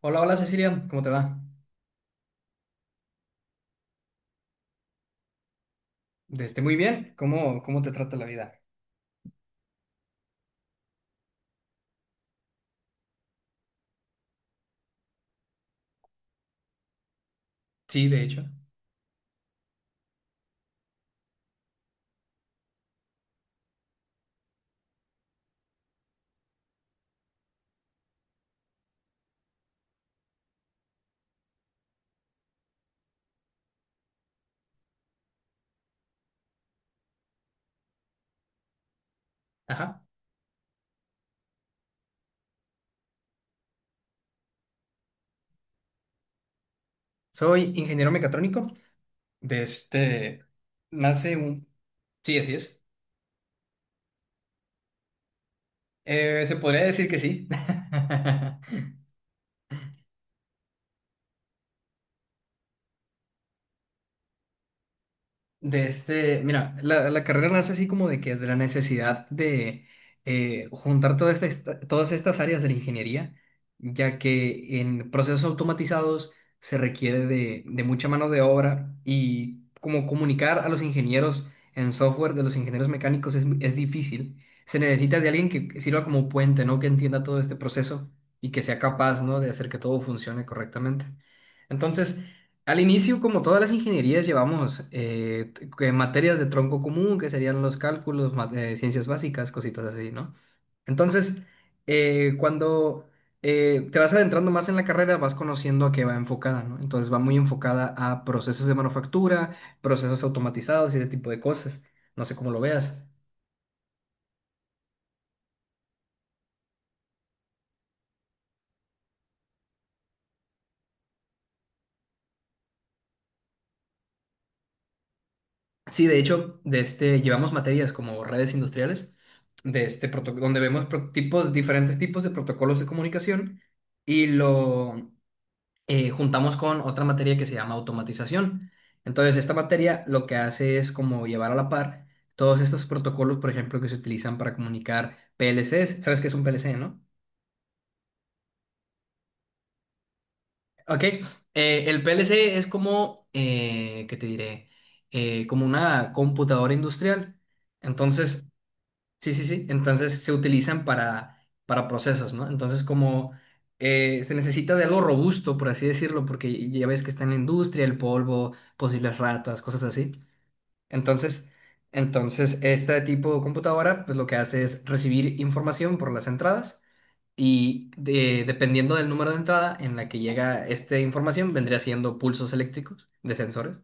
Hola, hola Cecilia, ¿cómo te va? Desde muy bien, ¿cómo te trata la vida? Sí, de hecho. Ajá. Soy ingeniero mecatrónico. Desde nace un... Sí, así es. Se podría decir que sí. De este, mira, la carrera nace así como de que de la necesidad de juntar todas estas áreas de la ingeniería, ya que en procesos automatizados se requiere de mucha mano de obra y como comunicar a los ingenieros en software de los ingenieros mecánicos es difícil. Se necesita de alguien que sirva como puente, ¿no? Que entienda todo este proceso y que sea capaz, ¿no? De hacer que todo funcione correctamente. Entonces... Al inicio, como todas las ingenierías, llevamos que materias de tronco común, que serían los cálculos, ciencias básicas, cositas así, ¿no? Entonces, cuando te vas adentrando más en la carrera, vas conociendo a qué va enfocada, ¿no? Entonces va muy enfocada a procesos de manufactura, procesos automatizados y ese tipo de cosas. No sé cómo lo veas. Sí, de hecho, de este, llevamos materias como redes industriales, de este donde vemos tipos, diferentes tipos de protocolos de comunicación y lo juntamos con otra materia que se llama automatización. Entonces, esta materia lo que hace es como llevar a la par todos estos protocolos, por ejemplo, que se utilizan para comunicar PLCs. ¿Sabes qué es un PLC, no? Ok, el PLC es como, ¿qué te diré? Como una computadora industrial. Entonces, sí, sí, sí. Entonces se utilizan para procesos, ¿no? Entonces como se necesita de algo robusto, por así decirlo, porque ya ves que está en la industria, el polvo, posibles ratas, cosas así. Entonces, entonces, este tipo de computadora, pues lo que hace es recibir información por las entradas y dependiendo del número de entrada en la que llega esta información, vendría siendo pulsos eléctricos de sensores.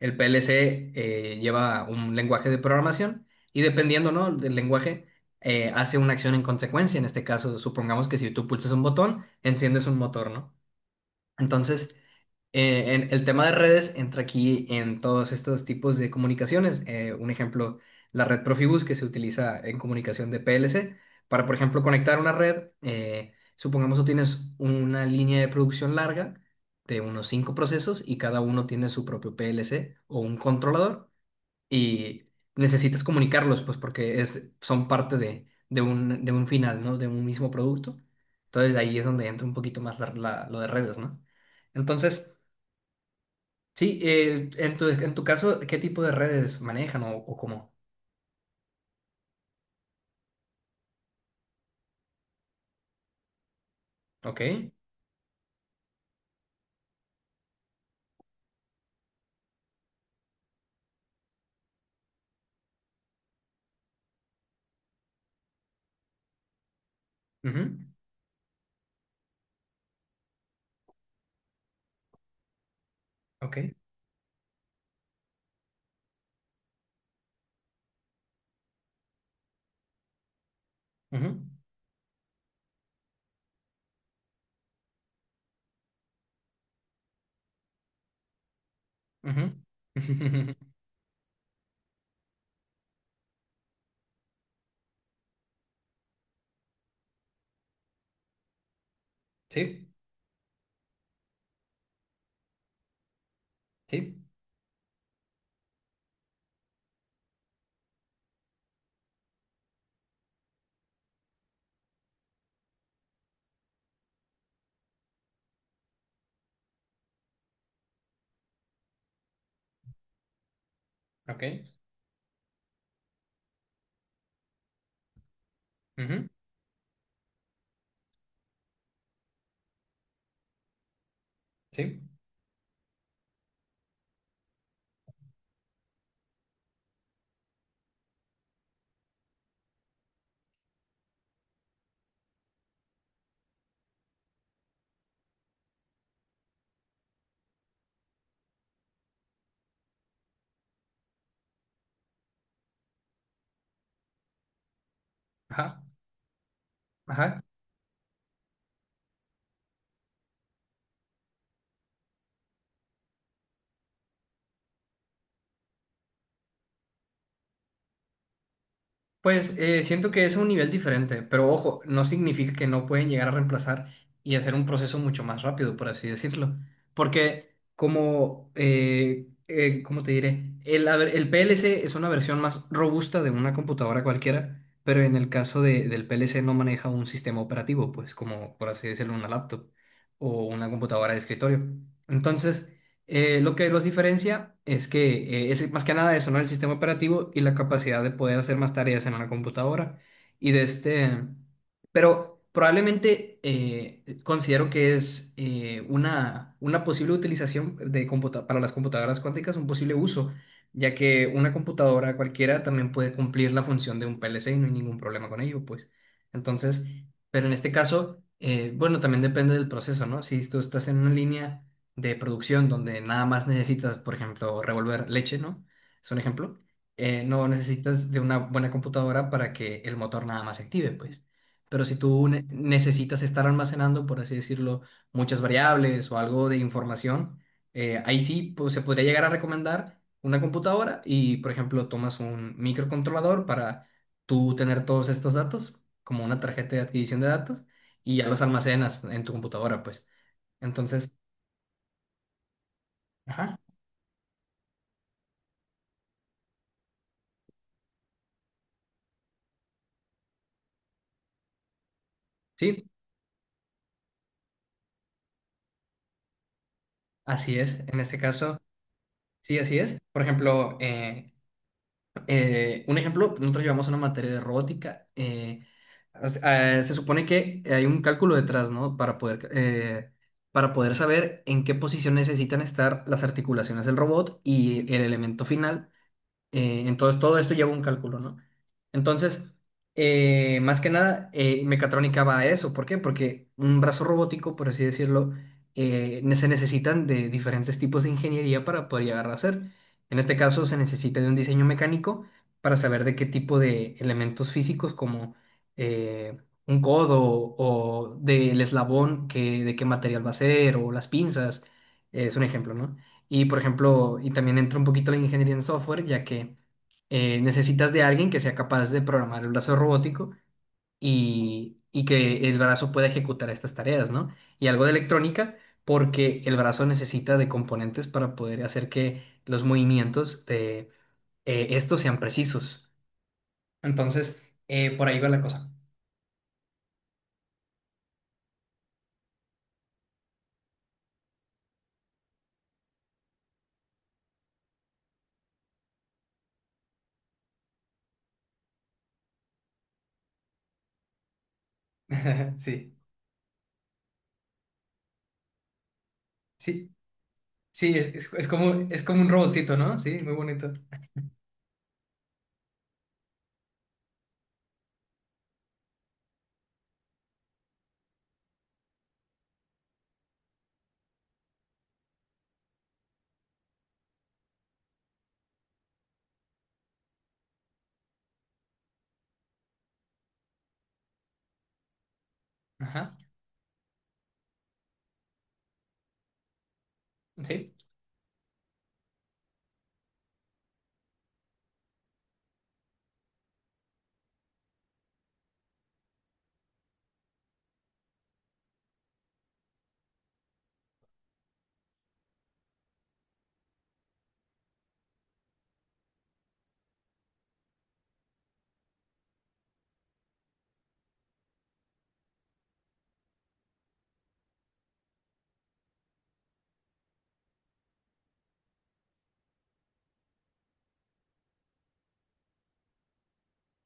El PLC lleva un lenguaje de programación y dependiendo, ¿no? Del lenguaje, hace una acción en consecuencia. En este caso, supongamos que si tú pulsas un botón, enciendes un motor, ¿no? Entonces, en el tema de redes entra aquí en todos estos tipos de comunicaciones. Un ejemplo, la red Profibus que se utiliza en comunicación de PLC para, por ejemplo, conectar una red. Supongamos tú tienes una línea de producción larga de unos cinco procesos y cada uno tiene su propio PLC o un controlador y necesitas comunicarlos, pues porque es, son parte de un final, ¿no? De un mismo producto. Entonces ahí es donde entra un poquito más lo de redes, ¿no? Entonces... Sí, en tu caso, ¿qué tipo de redes manejan o cómo? Ok, ujú, ok, ujú, ujú. Sí, sí, ok, ujú, sí, ajá, ajá. Pues siento que es un nivel diferente, pero ojo, no significa que no pueden llegar a reemplazar y hacer un proceso mucho más rápido, por así decirlo. Porque como, ¿cómo te diré? A ver, el PLC es una versión más robusta de una computadora cualquiera, pero en el caso del PLC no maneja un sistema operativo, pues como por así decirlo, una laptop o una computadora de escritorio. Entonces, lo que los diferencia es que es más que nada eso, ¿no? El sistema operativo y la capacidad de poder hacer más tareas en una computadora. Y de este, pero probablemente considero que es una posible utilización de para las computadoras cuánticas, un posible uso, ya que una computadora cualquiera también puede cumplir la función de un PLC y no hay ningún problema con ello, pues. Entonces, pero en este caso, bueno, también depende del proceso, ¿no? Si tú estás en una línea de producción donde nada más necesitas, por ejemplo, revolver leche, ¿no? Es un ejemplo. No necesitas de una buena computadora para que el motor nada más se active, pues. Pero si tú necesitas estar almacenando, por así decirlo, muchas variables o algo de información, ahí sí pues, se podría llegar a recomendar una computadora y, por ejemplo, tomas un microcontrolador para tú tener todos estos datos, como una tarjeta de adquisición de datos, y ya los almacenas en tu computadora, pues. Entonces, ajá. Sí, así es, en este caso, sí, así es. Por ejemplo, un ejemplo, nosotros llevamos una materia de robótica. Se supone que hay un cálculo detrás, ¿no? Para poder saber en qué posición necesitan estar las articulaciones del robot y el elemento final. Entonces, todo esto lleva un cálculo, ¿no? Entonces, más que nada, mecatrónica va a eso. ¿Por qué? Porque un brazo robótico, por así decirlo, se necesitan de diferentes tipos de ingeniería para poder llegar a hacer. En este caso, se necesita de un diseño mecánico para saber de qué tipo de elementos físicos, como eh, un codo o del eslabón, que, de qué material va a ser, o las pinzas, es un ejemplo, ¿no? Y, por ejemplo, y también entra un poquito la ingeniería en software, ya que necesitas de alguien que sea capaz de programar el brazo robótico y que el brazo pueda ejecutar estas tareas, ¿no? Y algo de electrónica, porque el brazo necesita de componentes para poder hacer que los movimientos de estos sean precisos. Entonces, por ahí va la cosa. Sí, sí, sí, es como un robotcito, ¿no? Sí, muy bonito. Ajá, sí.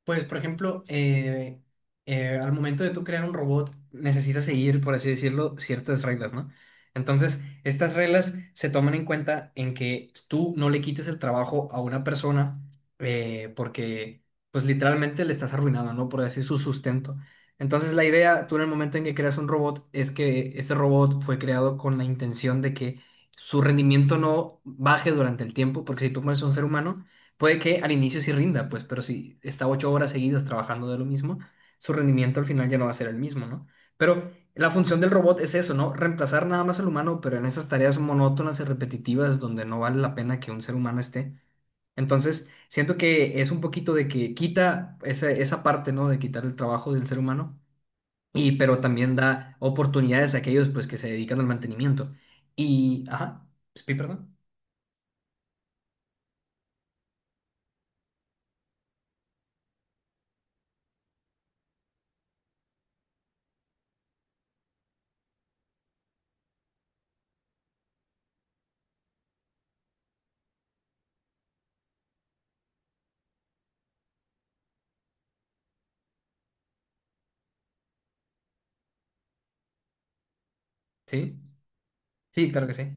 Pues, por ejemplo, al momento de tú crear un robot, necesitas seguir, por así decirlo, ciertas reglas, ¿no? Entonces, estas reglas se toman en cuenta en que tú no le quites el trabajo a una persona porque, pues, literalmente le estás arruinando, ¿no? Por decir su sustento. Entonces, la idea, tú en el momento en que creas un robot, es que ese robot fue creado con la intención de que su rendimiento no baje durante el tiempo, porque si tú pones a un ser humano puede que al inicio sí rinda, pues, pero si está 8 horas seguidas trabajando de lo mismo, su rendimiento al final ya no va a ser el mismo, ¿no? Pero la función del robot es eso, ¿no? Reemplazar nada más al humano, pero en esas tareas monótonas y repetitivas donde no vale la pena que un ser humano esté. Entonces, siento que es un poquito de que quita esa parte, ¿no? De quitar el trabajo del ser humano, y, pero también da oportunidades a aquellos, pues, que se dedican al mantenimiento. Y, ajá, sí, perdón. Sí, sí, claro que sí.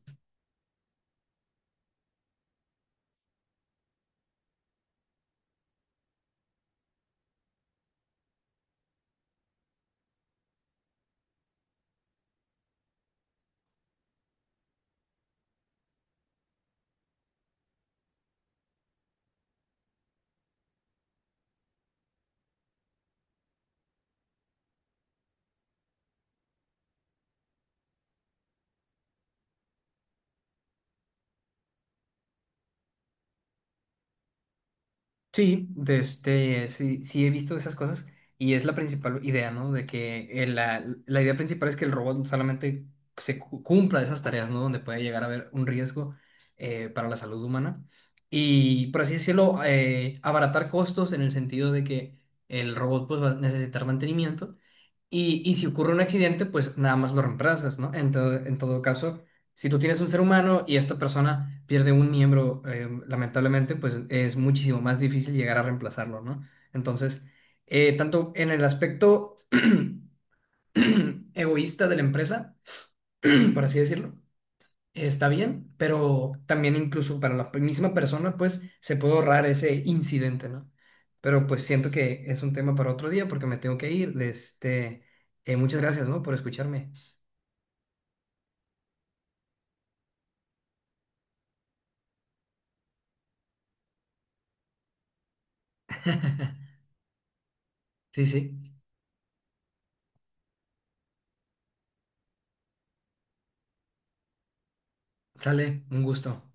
Sí, de este, sí, sí he visto esas cosas y es la principal idea, ¿no? De que la idea principal es que el robot solamente cumpla de esas tareas, ¿no? Donde puede llegar a haber un riesgo para la salud humana. Y por así decirlo, abaratar costos en el sentido de que el robot pues, va a necesitar mantenimiento y si ocurre un accidente, pues nada más lo reemplazas, ¿no? En todo caso, si tú tienes un ser humano y esta persona pierde un miembro, lamentablemente, pues es muchísimo más difícil llegar a reemplazarlo, ¿no? Entonces, tanto en el aspecto egoísta de la empresa, por así decirlo, está bien, pero también incluso para la misma persona, pues se puede ahorrar ese incidente, ¿no? Pero pues siento que es un tema para otro día porque me tengo que ir. Este, muchas gracias, ¿no? Por escucharme. Sí, sí, sale, un gusto.